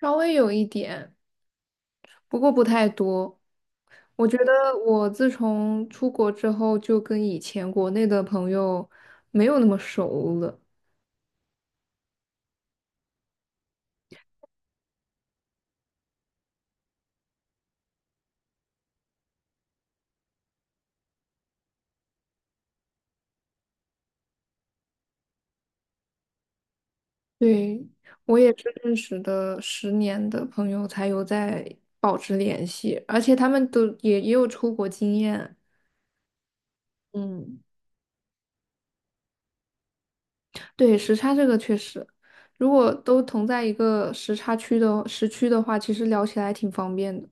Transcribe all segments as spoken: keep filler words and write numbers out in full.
稍微有一点，不过不太多。我觉得我自从出国之后，就跟以前国内的朋友没有那么熟了。对，我也是认识的十年的朋友才有在保持联系，而且他们都也也有出国经验。嗯，对，时差这个确实，如果都同在一个时差区的时区的话，其实聊起来挺方便的。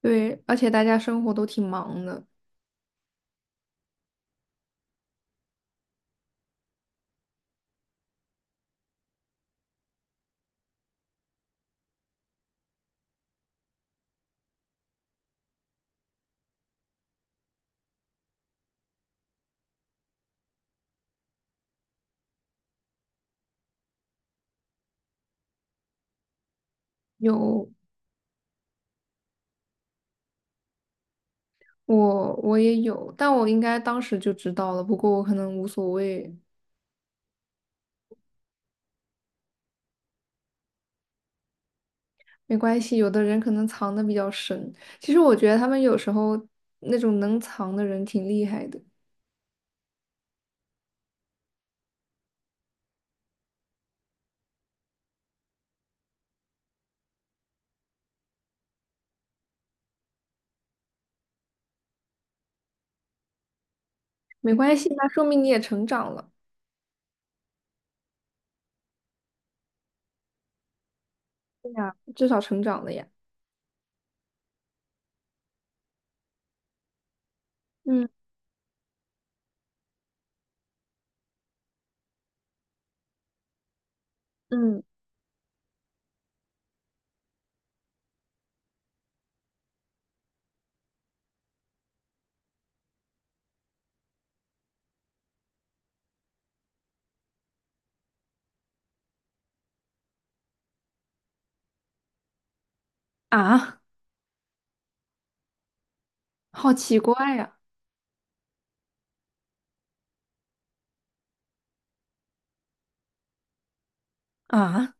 对，而且大家生活都挺忙的。有，我我也有，但我应该当时就知道了，不过我可能无所谓，没关系。有的人可能藏的比较深，其实我觉得他们有时候那种能藏的人挺厉害的。没关系，那说明你也成长了。对呀，至少成长了呀。嗯嗯。啊，好奇怪呀！啊，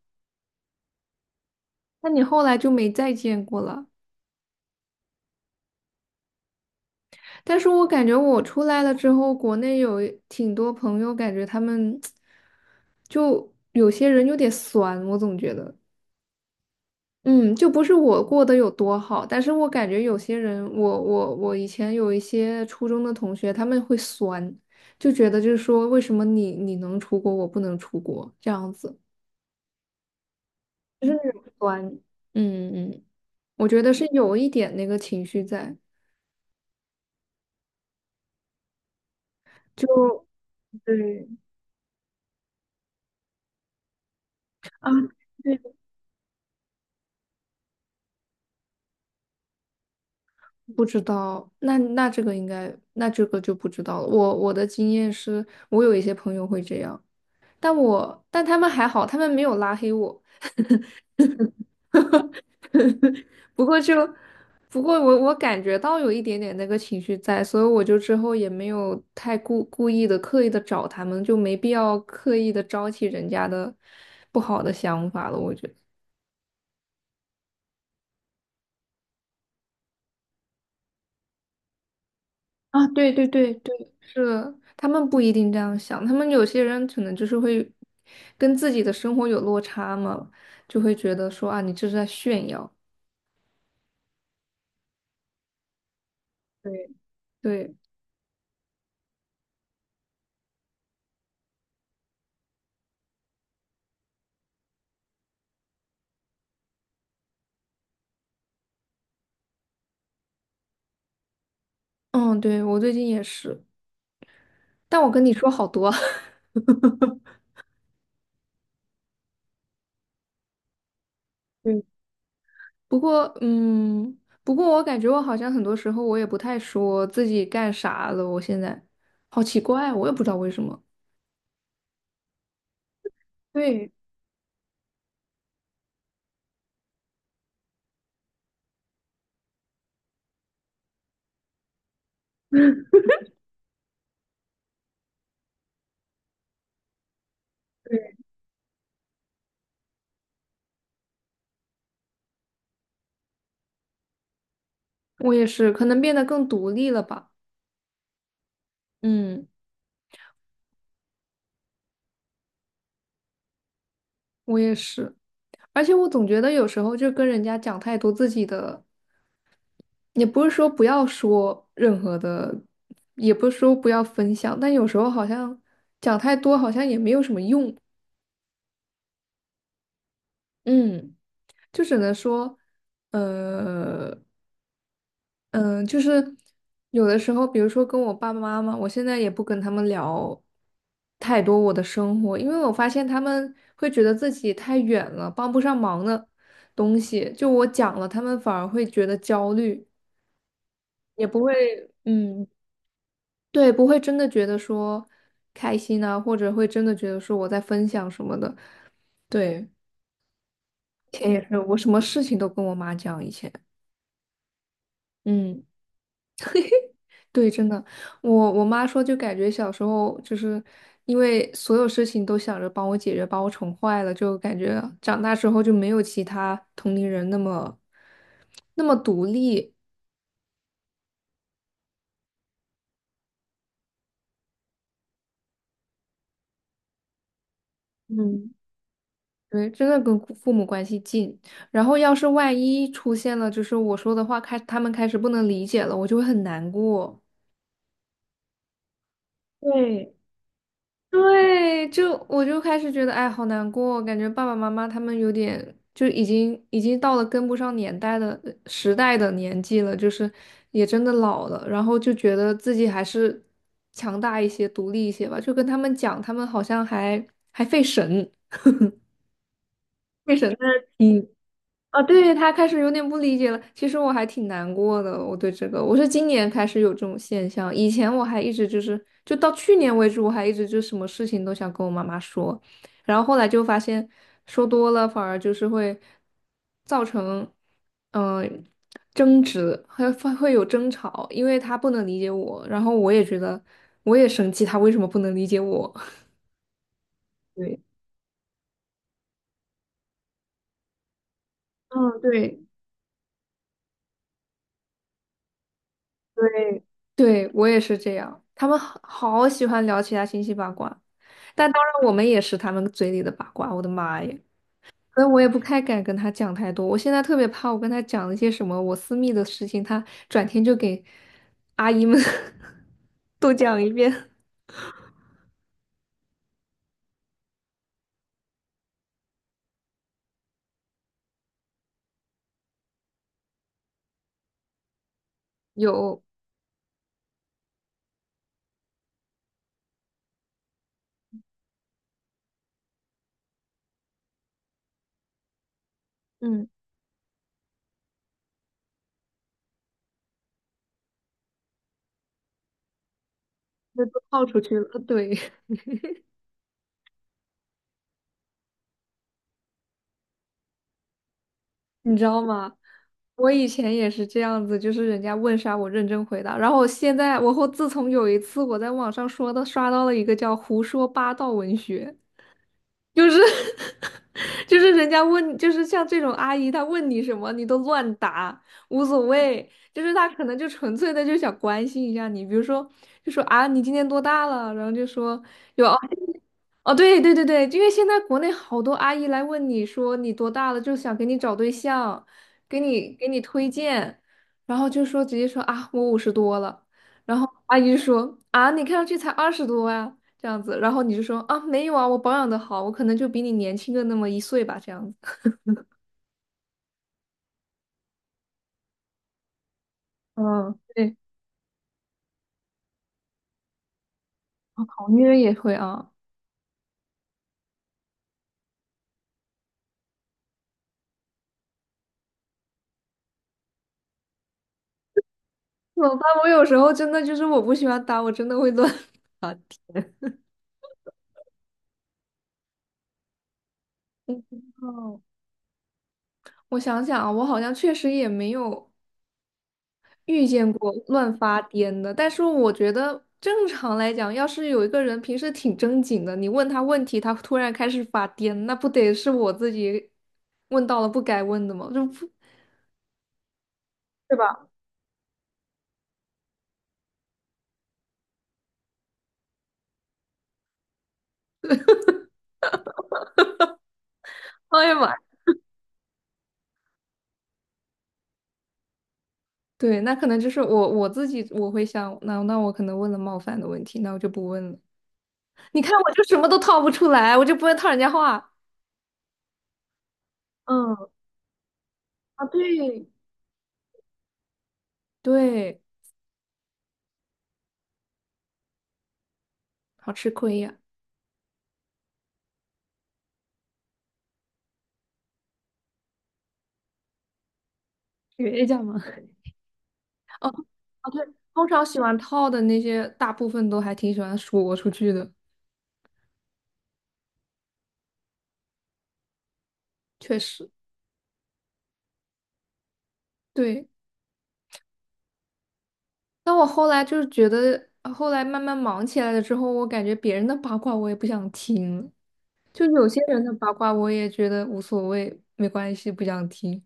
那你后来就没再见过了？但是我感觉我出来了之后，国内有挺多朋友，感觉他们 就有些人有点酸，我总觉得。嗯，就不是我过得有多好，但是我感觉有些人，我我我以前有一些初中的同学，他们会酸，就觉得就是说，为什么你你能出国，我不能出国这样子，就是那种酸。嗯嗯，我觉得是有一点那个情绪在，就对啊，对。不知道，那那这个应该，那这个就不知道了。我我的经验是，我有一些朋友会这样，但我但他们还好，他们没有拉黑我。不过就，不过我我感觉到有一点点那个情绪在，所以我就之后也没有太故故意的刻意的找他们，就没必要刻意的招起人家的不好的想法了。我觉得啊，对对对对，是他们不一定这样想，他们有些人可能就是会跟自己的生活有落差嘛，就会觉得说啊，你这是在炫耀。对对，嗯，对，我最近也是，但我跟你说好多。嗯。不过，嗯，不过我感觉我好像很多时候我也不太说自己干啥了，我现在好奇怪，我也不知道为什么。对，对我也是，可能变得更独立了吧。嗯，我也是，而且我总觉得有时候就跟人家讲太多自己的，也不是说不要说任何的，也不是说不要分享，但有时候好像讲太多好像也没有什么用。嗯，就只能说，呃。嗯，就是有的时候，比如说跟我爸爸妈妈，我现在也不跟他们聊太多我的生活，因为我发现他们会觉得自己太远了，帮不上忙的东西，就我讲了，他们反而会觉得焦虑，也不会，嗯，对，不会真的觉得说开心啊，或者会真的觉得说我在分享什么的。对，以前也是，我什么事情都跟我妈讲，以前，嗯。对，真的，我我妈说，就感觉小时候就是因为所有事情都想着帮我解决，把我宠坏了，就感觉长大之后就没有其他同龄人那么那么独立。嗯对，真的跟父父母关系近。然后要是万一出现了，就是我说的话开，他们开始不能理解了，我就会很难过。对，对，就我就开始觉得，哎，好难过，感觉爸爸妈妈他们有点就已经已经到了跟不上年代的呃时代的年纪了，就是也真的老了，然后就觉得自己还是强大一些、独立一些吧。就跟他们讲，他们好像还还费神，费神在听。啊，对，他开始有点不理解了。其实我还挺难过的，我对这个，我是今年开始有这种现象，以前我还一直就是，就到去年为止，我还一直就什么事情都想跟我妈妈说，然后后来就发现说多了反而就是会造成，嗯、争执，还会会有争吵，因为他不能理解我，然后我也觉得我也生气，他为什么不能理解我？对，嗯，对。对，对，我也是这样。他们好好喜欢聊其他信息八卦，但当然我们也是他们嘴里的八卦。我的妈耶！所以我也不太敢跟他讲太多。我现在特别怕，我跟他讲一些什么我私密的事情，他转天就给阿姨们 都讲一遍。有，嗯，那都泡出去了。对，你知道吗？我以前也是这样子，就是人家问啥我认真回答。然后我现在，我后自从有一次我在网上说的刷到了一个叫“胡说八道文学”，就是 就是人家问，就是像这种阿姨，她问你什么，你都乱答，无所谓。就是她可能就纯粹的就想关心一下你，比如说就说啊，你今年多大了？然后就说有哦，哦对对对对，因为现在国内好多阿姨来问你说你多大了，就想给你找对象，给你给你推荐，然后就说直接说啊，我五十多了，然后阿姨就说啊，你看上去才二十多呀。这样子，然后你就说啊，没有啊，我保养的好，我可能就比你年轻个那么一岁吧，这样子。嗯，对，好女人也会啊，怎么办？我有时候真的就是我不喜欢打，我真的会乱。嗯哦，我想想啊，我好像确实也没有遇见过乱发癫的，但是我觉得正常来讲，要是有一个人平时挺正经的，你问他问题，他突然开始发癫，那不得是我自己问到了不该问的吗？就不，对吧？哎呀妈！对，那可能就是我我自己我会想，那那我可能问了冒犯的问题，那我就不问了。你看，我就什么都套不出来，我就不会套人家话。嗯，啊对，对，好吃亏呀。学一下嘛。哦哦，对，通常喜欢套的那些，大部分都还挺喜欢说出去的，确实。对，那我后来就是觉得，呃后来慢慢忙起来了之后，我感觉别人的八卦我也不想听了，就有些人的八卦我也觉得无所谓，没关系，不想听。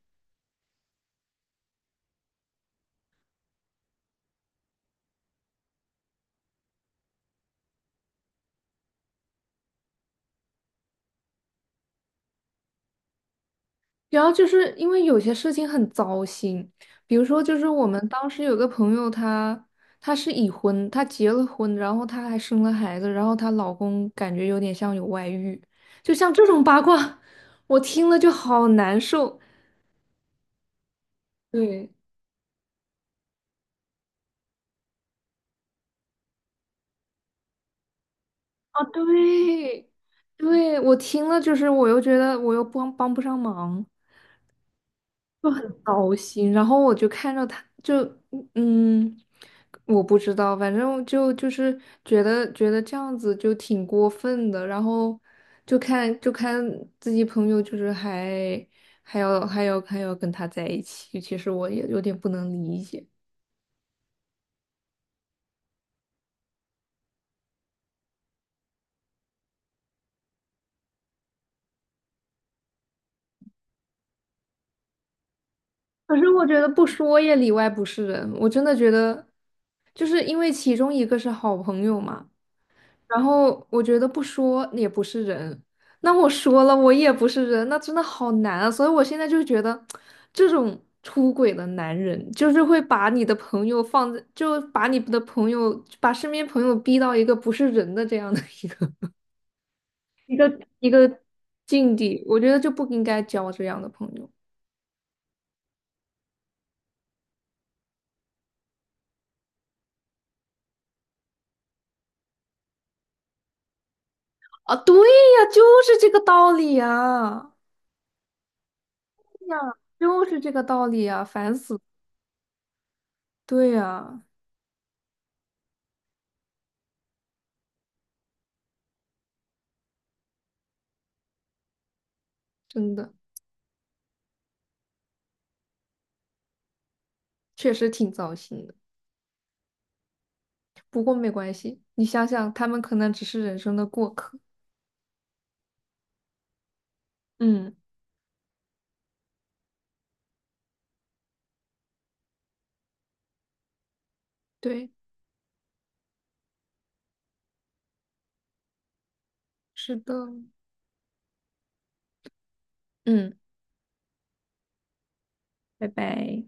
然后就是因为有些事情很糟心，比如说，就是我们当时有个朋友她，她是已婚，她结了婚，然后她还生了孩子，然后她老公感觉有点像有外遇，就像这种八卦，我听了就好难受。对，啊，对，对，我听了就是我又觉得我又帮帮不上忙。就很糟心。然后我就看着他，就嗯，嗯我不知道，反正就就是觉得觉得这样子就挺过分的。然后就看就看自己朋友，就是还还要还要还要跟他在一起，其实我也有点不能理解。可是我觉得不说也里外不是人，我真的觉得，就是因为其中一个是好朋友嘛。然后我觉得不说也不是人，那我说了我也不是人，那真的好难啊！所以我现在就觉得，这种出轨的男人，就是会把你的朋友放在，就把你的朋友，把身边朋友逼到一个不是人的这样的一个 一个一个境地，我觉得就不应该交这样的朋友啊！对呀，就是这个道理啊！对呀，就是这个道理啊！烦死了。对呀，真的确实挺糟心。的。不过没关系，你想想，他们可能只是人生的过客。嗯，对，是的，嗯，拜拜。